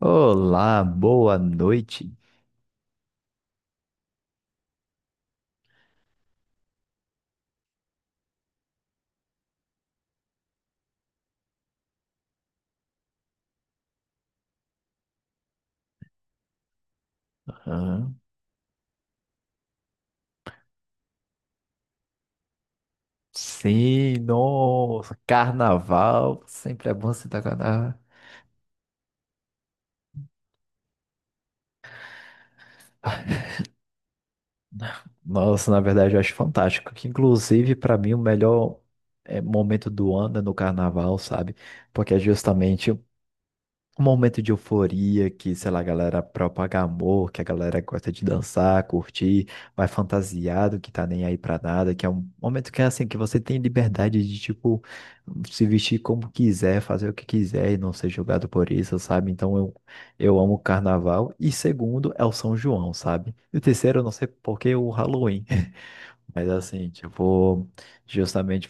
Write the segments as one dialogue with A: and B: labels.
A: Olá, boa noite. Aham. Sim, nossa, carnaval. Sempre é bom se dar carnaval. Nossa, na verdade, eu acho fantástico. Que, inclusive, para mim, o melhor momento do ano é no carnaval, sabe? Porque é justamente um momento de euforia que, sei lá, a galera propaga amor, que a galera gosta de dançar, curtir, vai fantasiado, que tá nem aí pra nada, que é um momento que é assim, que você tem liberdade de, tipo, se vestir como quiser, fazer o que quiser e não ser julgado por isso, sabe? Então eu amo o carnaval. E segundo é o São João, sabe? E o terceiro, eu não sei por que o Halloween. Mas assim, tipo, justamente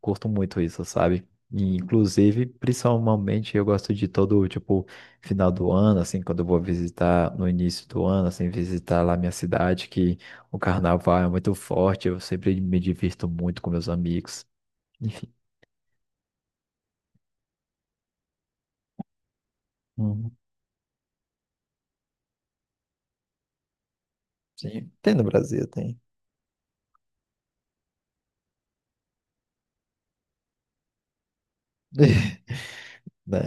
A: curto muito isso, sabe? E, inclusive, principalmente eu gosto de todo, tipo, final do ano, assim, quando eu vou visitar no início do ano, assim, visitar lá minha cidade, que o carnaval é muito forte, eu sempre me divirto muito com meus amigos. Enfim. Uhum. Sim. Tem no Brasil, tem. Né?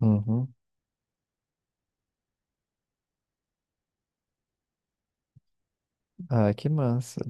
A: Uhum. Ah, que massa.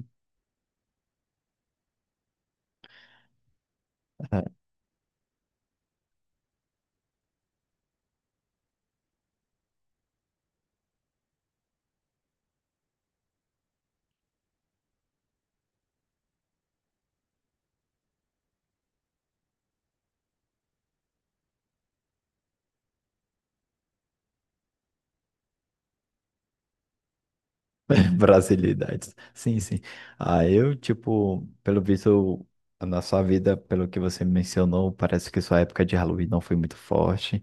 A: Brasilidades. Sim, sim. Ah, eu, tipo, pelo visto, na sua vida, pelo que você mencionou, parece que sua época de Halloween não foi muito forte.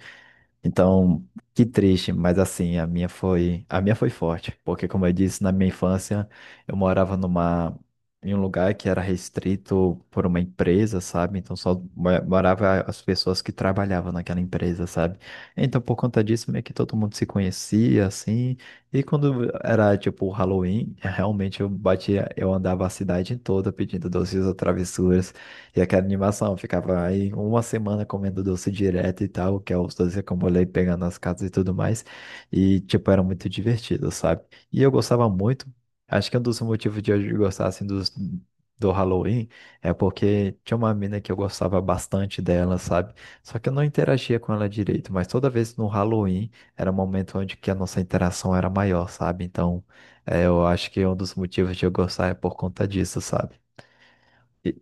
A: Então, que triste, mas assim, a minha foi forte, porque como eu disse, na minha infância, eu morava numa em um lugar que era restrito por uma empresa, sabe? Então só morava as pessoas que trabalhavam naquela empresa, sabe? Então, por conta disso, meio que todo mundo se conhecia assim, e quando era tipo o Halloween, realmente eu andava a cidade toda pedindo doces ou travessuras e aquela animação, ficava aí uma semana comendo doce direto e tal, que é os doces que eu molhei pegando nas casas e tudo mais. E, tipo, era muito divertido, sabe? E eu gostava muito. Acho que um dos motivos de eu gostar, assim, do Halloween é porque tinha uma mina que eu gostava bastante dela, sabe? Só que eu não interagia com ela direito, mas toda vez no Halloween era um momento onde que a nossa interação era maior, sabe? Então, eu acho que um dos motivos de eu gostar é por conta disso, sabe? E,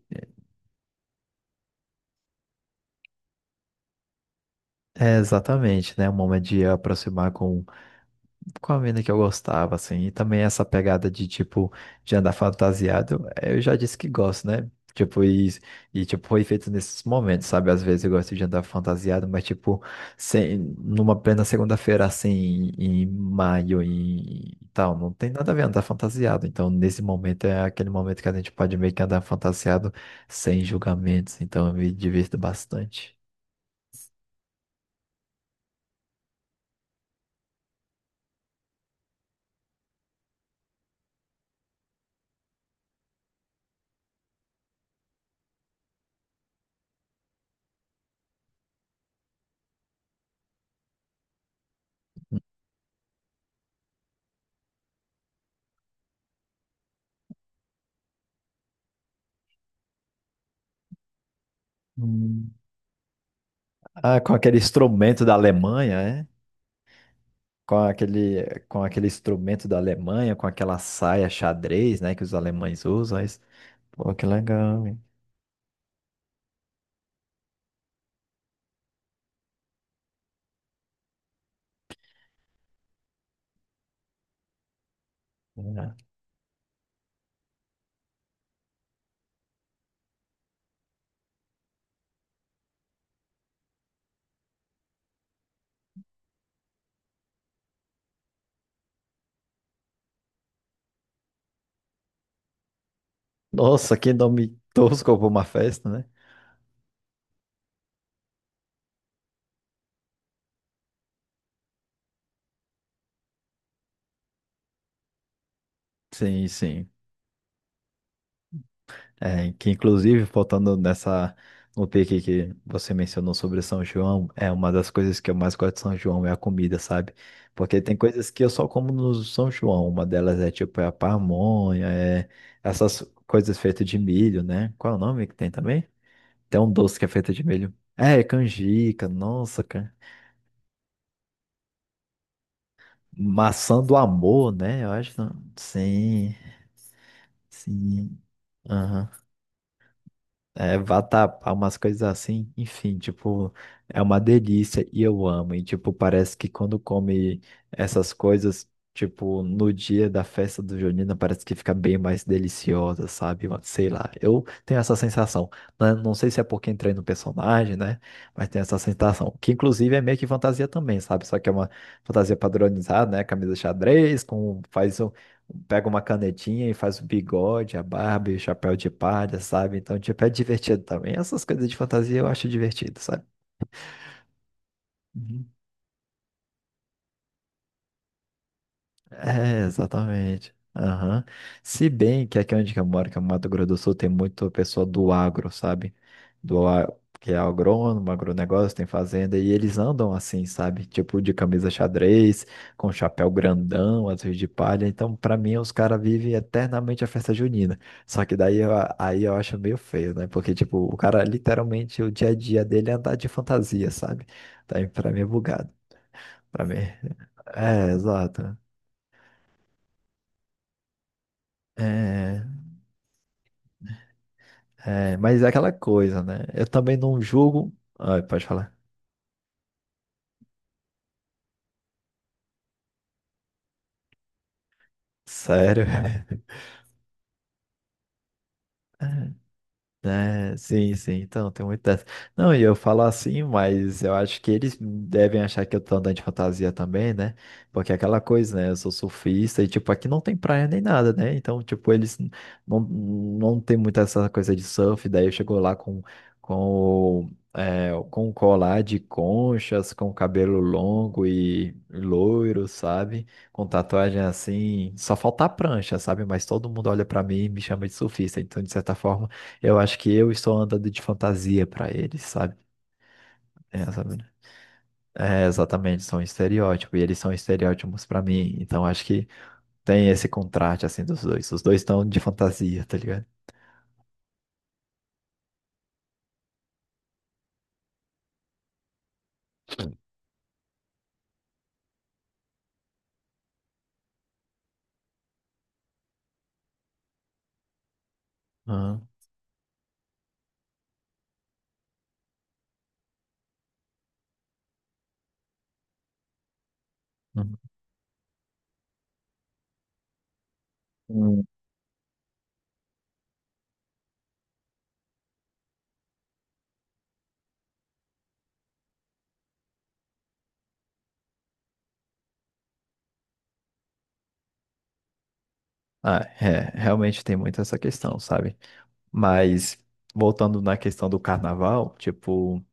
A: é, exatamente, né? Um momento de aproximar com a mina que eu gostava, assim. E também essa pegada de, tipo, de andar fantasiado, é, eu já disse que gosto, né? Tipo, e tipo, foi feito nesses momentos, sabe? Às vezes eu gosto de andar fantasiado, mas, tipo, sem, numa plena segunda-feira, assim, em maio e tal, não tem nada a ver andar fantasiado. Então, nesse momento, é aquele momento que a gente pode meio que andar fantasiado sem julgamentos. Então, eu me divirto bastante. Hum. Ah, com aquele instrumento da Alemanha, é? Com aquele instrumento da Alemanha, com aquela saia xadrez, né, que os alemães usam. Aí... Pô, que legal, hein? É. Nossa, que nome tosco pra uma festa, né? Sim, sim. É, que inclusive, faltando nessa, no pique que você mencionou sobre São João, é uma das coisas que eu mais gosto de São João é a comida, sabe? Porque tem coisas que eu só como no São João. Uma delas é tipo a pamonha, é essas coisas feitas de milho, né? Qual é o nome que tem também? Tem um doce que é feito de milho. É, canjica, nossa, cara. Maçã do amor, né? Eu acho. Sim, sim. Aham. É, vatapá, umas coisas assim, enfim, tipo, é uma delícia e eu amo. E, tipo, parece que quando come essas coisas, tipo, no dia da festa do Junina, parece que fica bem mais deliciosa, sabe? Uma... Sei lá, eu tenho essa sensação. Né? Não sei se é porque entrei no personagem, né? Mas tenho essa sensação, que inclusive é meio que fantasia também, sabe? Só que é uma fantasia padronizada, né? Camisa xadrez, com, faz pega uma canetinha e faz o bigode, a barba e o chapéu de palha, sabe? Então, tipo, é divertido também. Essas coisas de fantasia eu acho divertido, sabe? Uhum. É, exatamente. Aham. Se bem que aqui onde que eu moro, que é o Mato Grosso do Sul, tem muito pessoa do agro, sabe? Do a- que é agrônomo, agronegócio, tem fazenda, e eles andam assim, sabe? Tipo de camisa xadrez, com chapéu grandão, azul de palha. Então, pra mim, os caras vivem eternamente a festa junina. Só que daí eu, aí eu acho meio feio, né? Porque, tipo, o cara literalmente o dia a dia dele é andar de fantasia, sabe? Daí pra mim é bugado. Pra mim. É, exato. É. É, mas é aquela coisa, né? Eu também não julgo. Ai, pode falar. Sério. É, sim, sim, então tem muito dessa. Não, e eu falo assim, mas eu acho que eles devem achar que eu tô andando de fantasia também, né? Porque é aquela coisa, né? Eu sou surfista e, tipo, aqui não tem praia nem nada, né? Então, tipo, não, não tem muita essa coisa de surf. Daí eu chego lá com, é, com um colar de conchas, com cabelo longo e loiro, sabe? Com tatuagem assim. Só falta a prancha, sabe? Mas todo mundo olha pra mim e me chama de surfista. Então, de certa forma. Eu acho que eu estou andando de fantasia pra eles, sabe? É, sabe? Né? É, exatamente, são estereótipos, e eles são estereótipos pra mim, então acho que tem esse contraste, assim, dos dois. Os dois estão de fantasia, tá ligado? Aham, uhum. Hum. Ah, é, realmente tem muito essa questão, sabe? Mas voltando na questão do carnaval, tipo,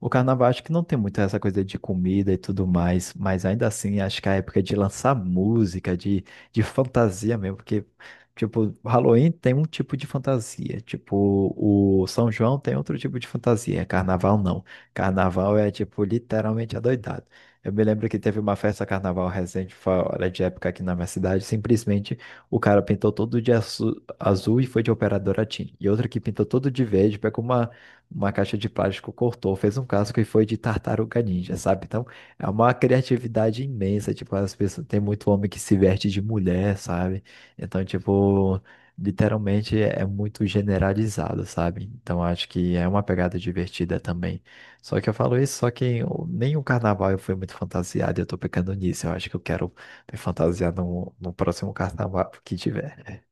A: o carnaval acho que não tem muito essa coisa de comida e tudo mais, mas ainda assim acho que é a época de lançar música, de fantasia mesmo, porque, tipo, Halloween tem um tipo de fantasia, tipo, o São João tem outro tipo de fantasia, carnaval não. Carnaval é, tipo, literalmente adoidado. Eu me lembro que teve uma festa carnaval recente, fora de época aqui na minha cidade, simplesmente o cara pintou todo de azul e foi de operadora TIM. E outra que pintou todo de verde, pegou uma caixa de plástico, cortou, fez um casco e foi de tartaruga ninja, sabe? Então, é uma criatividade imensa, tipo, as pessoas, tem muito homem que se veste de mulher, sabe? Então, tipo, literalmente é muito generalizado, sabe? Então, acho que é uma pegada divertida também. Só que eu falo isso, só que eu- nem o carnaval eu fui muito fantasiado, e eu tô pecando nisso. Eu acho que eu quero me fantasiar no próximo carnaval que tiver.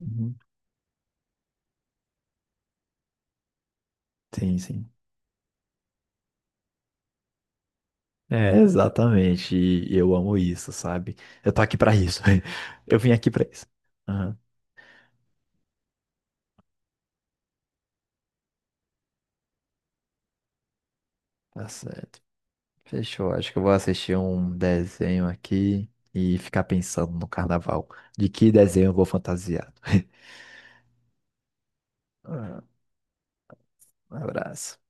A: Uhum. Sim, sim. É, exatamente. E eu amo isso, sabe? Eu tô aqui pra isso. Eu vim aqui pra isso. Aham, tá certo. Fechou. Acho que eu vou assistir um desenho aqui e ficar pensando no carnaval. De que desenho eu vou fantasiado. Ah, um abraço.